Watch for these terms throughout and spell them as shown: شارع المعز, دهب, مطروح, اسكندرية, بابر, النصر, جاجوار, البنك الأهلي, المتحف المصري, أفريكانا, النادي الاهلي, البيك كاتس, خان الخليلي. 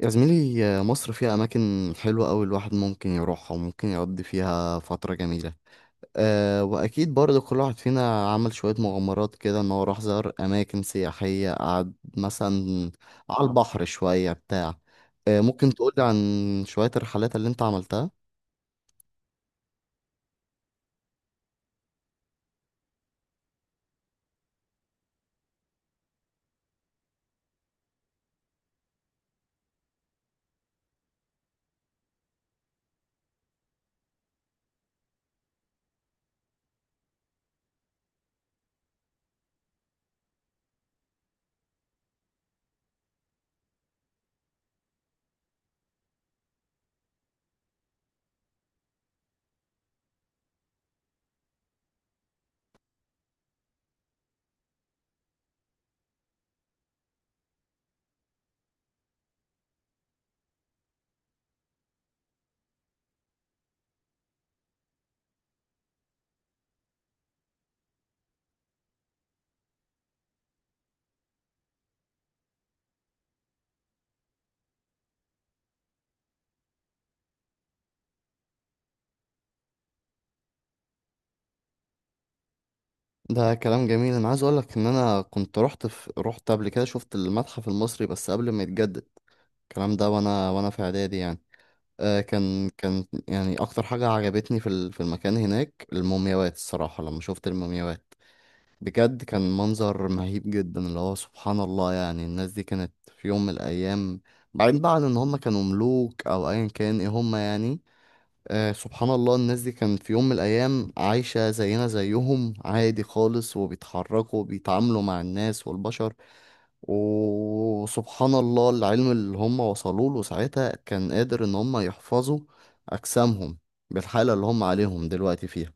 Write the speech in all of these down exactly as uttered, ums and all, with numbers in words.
يا زميلي، مصر فيها أماكن حلوة أوي. الواحد ممكن يروحها وممكن يقضي فيها فترة جميلة. أه وأكيد برضه كل واحد فينا عمل شوية مغامرات كده إن هو راح زار أماكن سياحية، قعد مثلا على البحر شوية بتاع. أه ممكن تقولي عن شوية الرحلات اللي أنت عملتها؟ ده كلام جميل. أنا عايز أقولك إن أنا كنت رحت في... رحت قبل كده، شفت المتحف المصري بس قبل ما يتجدد الكلام ده، وأنا وأنا في إعدادي يعني. آه، كان كان يعني اكتر حاجة عجبتني في ال- في المكان هناك المومياوات. الصراحة لما شفت المومياوات بجد كان منظر مهيب جدا، اللي هو سبحان الله. يعني الناس دي كانت في يوم من الايام، بعدين بقى عن ان هم كانوا ملوك او ايا كان ايه هم يعني. آه سبحان الله، الناس دي كانت في يوم من الايام عايشة زينا زيهم عادي خالص، وبيتحركوا وبيتعاملوا مع الناس والبشر. وسبحان الله العلم اللي هم وصلوا له ساعتها كان قادر ان هم يحفظوا اجسامهم بالحالة اللي هم عليهم دلوقتي فيها.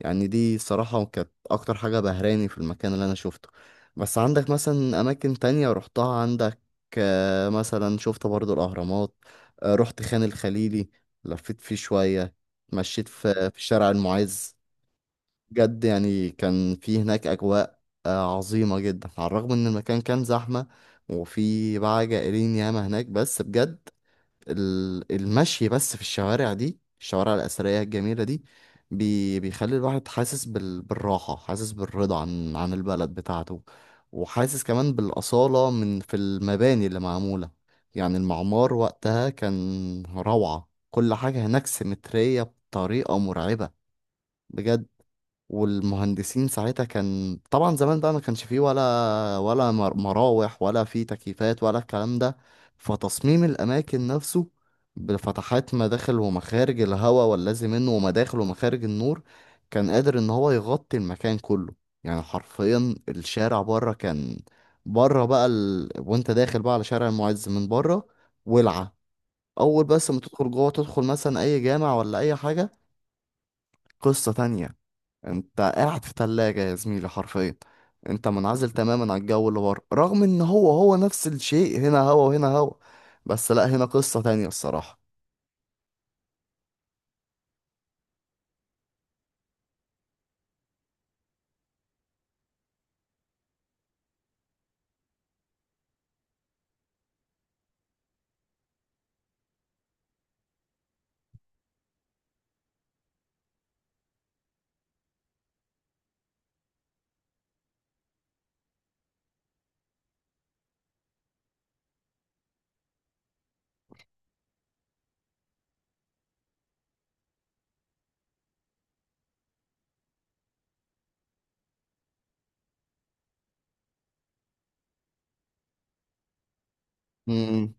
يعني دي صراحة كانت اكتر حاجة بهراني في المكان اللي انا شفته. بس عندك مثلا اماكن تانية رحتها؟ عندك آه، مثلا شفت برضو الاهرامات، آه، رحت خان الخليلي، لفيت فيه شوية، مشيت في في شارع المعز. بجد يعني كان في هناك أجواء آه، عظيمة جدا، على الرغم إن المكان كان زحمة وفي بقى جائلين ياما هناك. بس بجد ال- المشي بس في الشوارع دي، الشوارع الأثرية الجميلة دي، بي بيخلي الواحد حاسس بال بالراحة، حاسس بالرضا عن عن البلد بتاعته. وحاسس كمان بالأصالة من في المباني اللي معمولة. يعني المعمار وقتها كان روعة، كل حاجة هناك سيمترية بطريقة مرعبة بجد. والمهندسين ساعتها، كان طبعا زمان بقى ما كانش فيه ولا ولا مر- مراوح ولا فيه تكييفات ولا الكلام ده. فتصميم الأماكن نفسه، بفتحات مداخل ومخارج الهواء والذي منه، ومداخل ومخارج النور، كان قادر إن هو يغطي المكان كله. يعني حرفيا الشارع بره كان بره بقى ال... وانت داخل بقى على شارع المعز من بره ولعة. أول بس ما تدخل جوه، تدخل مثلا أي جامع ولا أي حاجة، قصة تانية. انت قاعد في تلاجة يا زميلي حرفيا. انت منعزل تماما عن الجو اللي بره، رغم ان هو هو نفس الشيء، هنا هوا وهنا هوا. بس لا، هنا قصة تانية الصراحة. امم.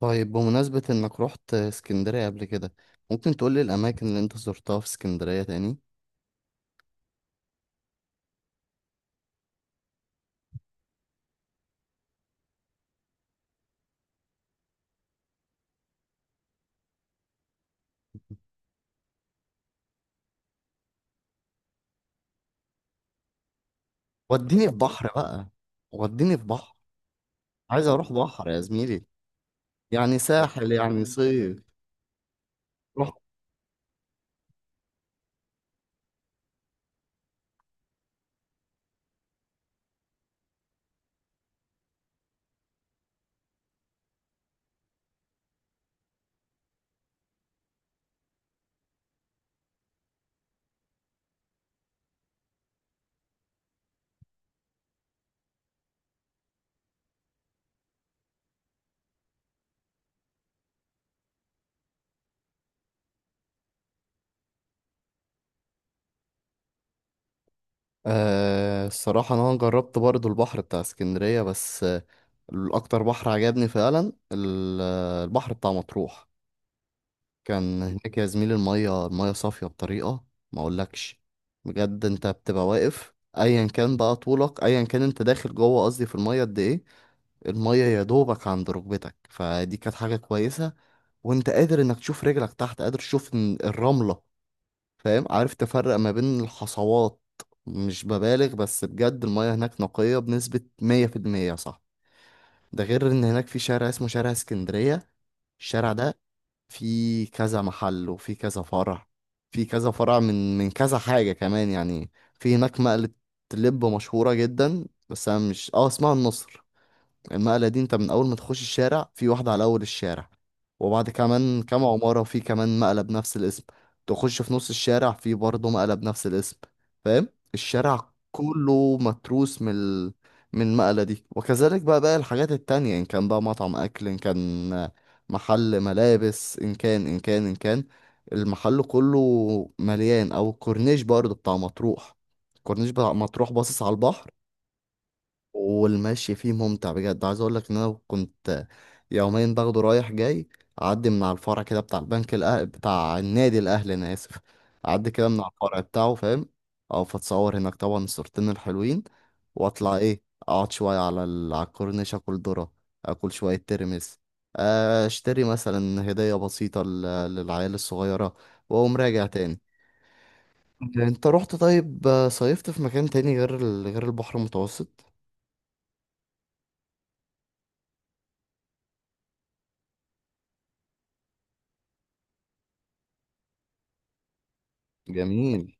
طيب، بمناسبة انك رحت اسكندرية قبل كده، ممكن تقولي الاماكن اللي انت زرتها في اسكندرية تاني؟ وديني في بحر بقى، وديني في بحر. عايز اروح بحر يا زميلي، يعني ساحل يعني صيف. رحت. آه الصراحة انا جربت برضو البحر بتاع اسكندرية، بس الأكتر بحر عجبني فعلا ال- البحر بتاع مطروح. كان هناك يا زميلي المية المية صافية بطريقة ما أقولكش. بجد أنت بتبقى واقف أيا كان بقى طولك، أيا كان أنت داخل جوه، قصدي في المية قد إيه؟ المية يا دوبك عند ركبتك، فدي كانت حاجة كويسة. وأنت قادر إنك تشوف رجلك تحت، قادر تشوف ال- الرملة، فاهم، عارف تفرق ما بين الحصوات. مش ببالغ بس بجد المية هناك نقية بنسبة مية في المية، صح. ده غير ان هناك في شارع اسمه شارع اسكندرية. الشارع ده فيه كذا محل وفيه كذا فرع، في كذا فرع من من كذا حاجة كمان يعني. في هناك مقلة لب مشهورة جدا، بس انا مش اه اسمها النصر. المقلة دي، انت من اول ما تخش الشارع في واحدة على اول الشارع، وبعد كمان كام عمارة في كمان مقلة بنفس الاسم، تخش في نص الشارع في برضه مقلة بنفس الاسم. فاهم؟ الشارع كله متروس من ال... من المقلة دي. وكذلك بقى باقي الحاجات التانية، إن كان بقى مطعم أكل، إن كان محل ملابس، إن كان إن كان إن كان، المحل كله مليان. أو الكورنيش برضه بتاع مطروح، الكورنيش بتاع مطروح باصص على البحر، والمشي فيه ممتع بجد. عايز اقول لك ان انا كنت يومين باخده رايح جاي، اعدي من على الفرع كده بتاع البنك الأهل بتاع النادي الاهلي، انا اسف، اعدي كده من على الفرع بتاعه، فاهم، او فتصور هناك طبعا الصورتين الحلوين، واطلع ايه، اقعد شويه على ال... على الكورنيش، اكل ذره، اكل شويه ترمس، اشتري مثلا هديه بسيطه لل... للعيال الصغيره، واقوم راجع تاني. انت رحت طيب، صيفت في مكان تاني غير ال... غير البحر المتوسط؟ جميل.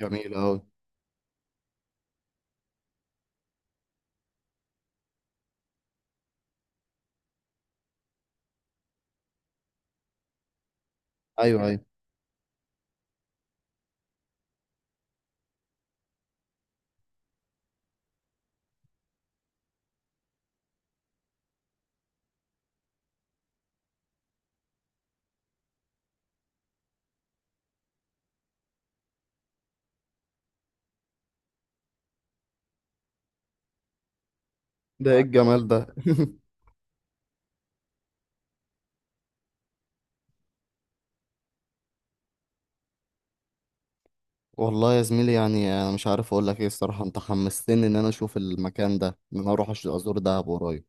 جميل أوي. أيوه، أيوه. ده إيه الجمال ده؟ والله يا زميلي، يعني أنا مش عارف أقول لك إيه الصراحة. أنت حمستني إن أنا أشوف المكان ده، إن أنا أروح أش- أزور دهب قريب.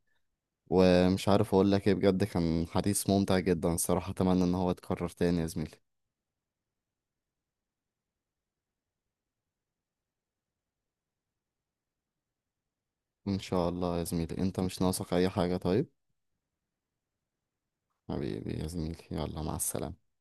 ومش عارف أقول لك إيه، بجد كان حديث ممتع جدا الصراحة، أتمنى إن هو يتكرر تاني يا زميلي. إن شاء الله يا زميلي، أنت مش ناقصك أي حاجة طيب. حبيبي يا زميلي، يلا مع السلامة.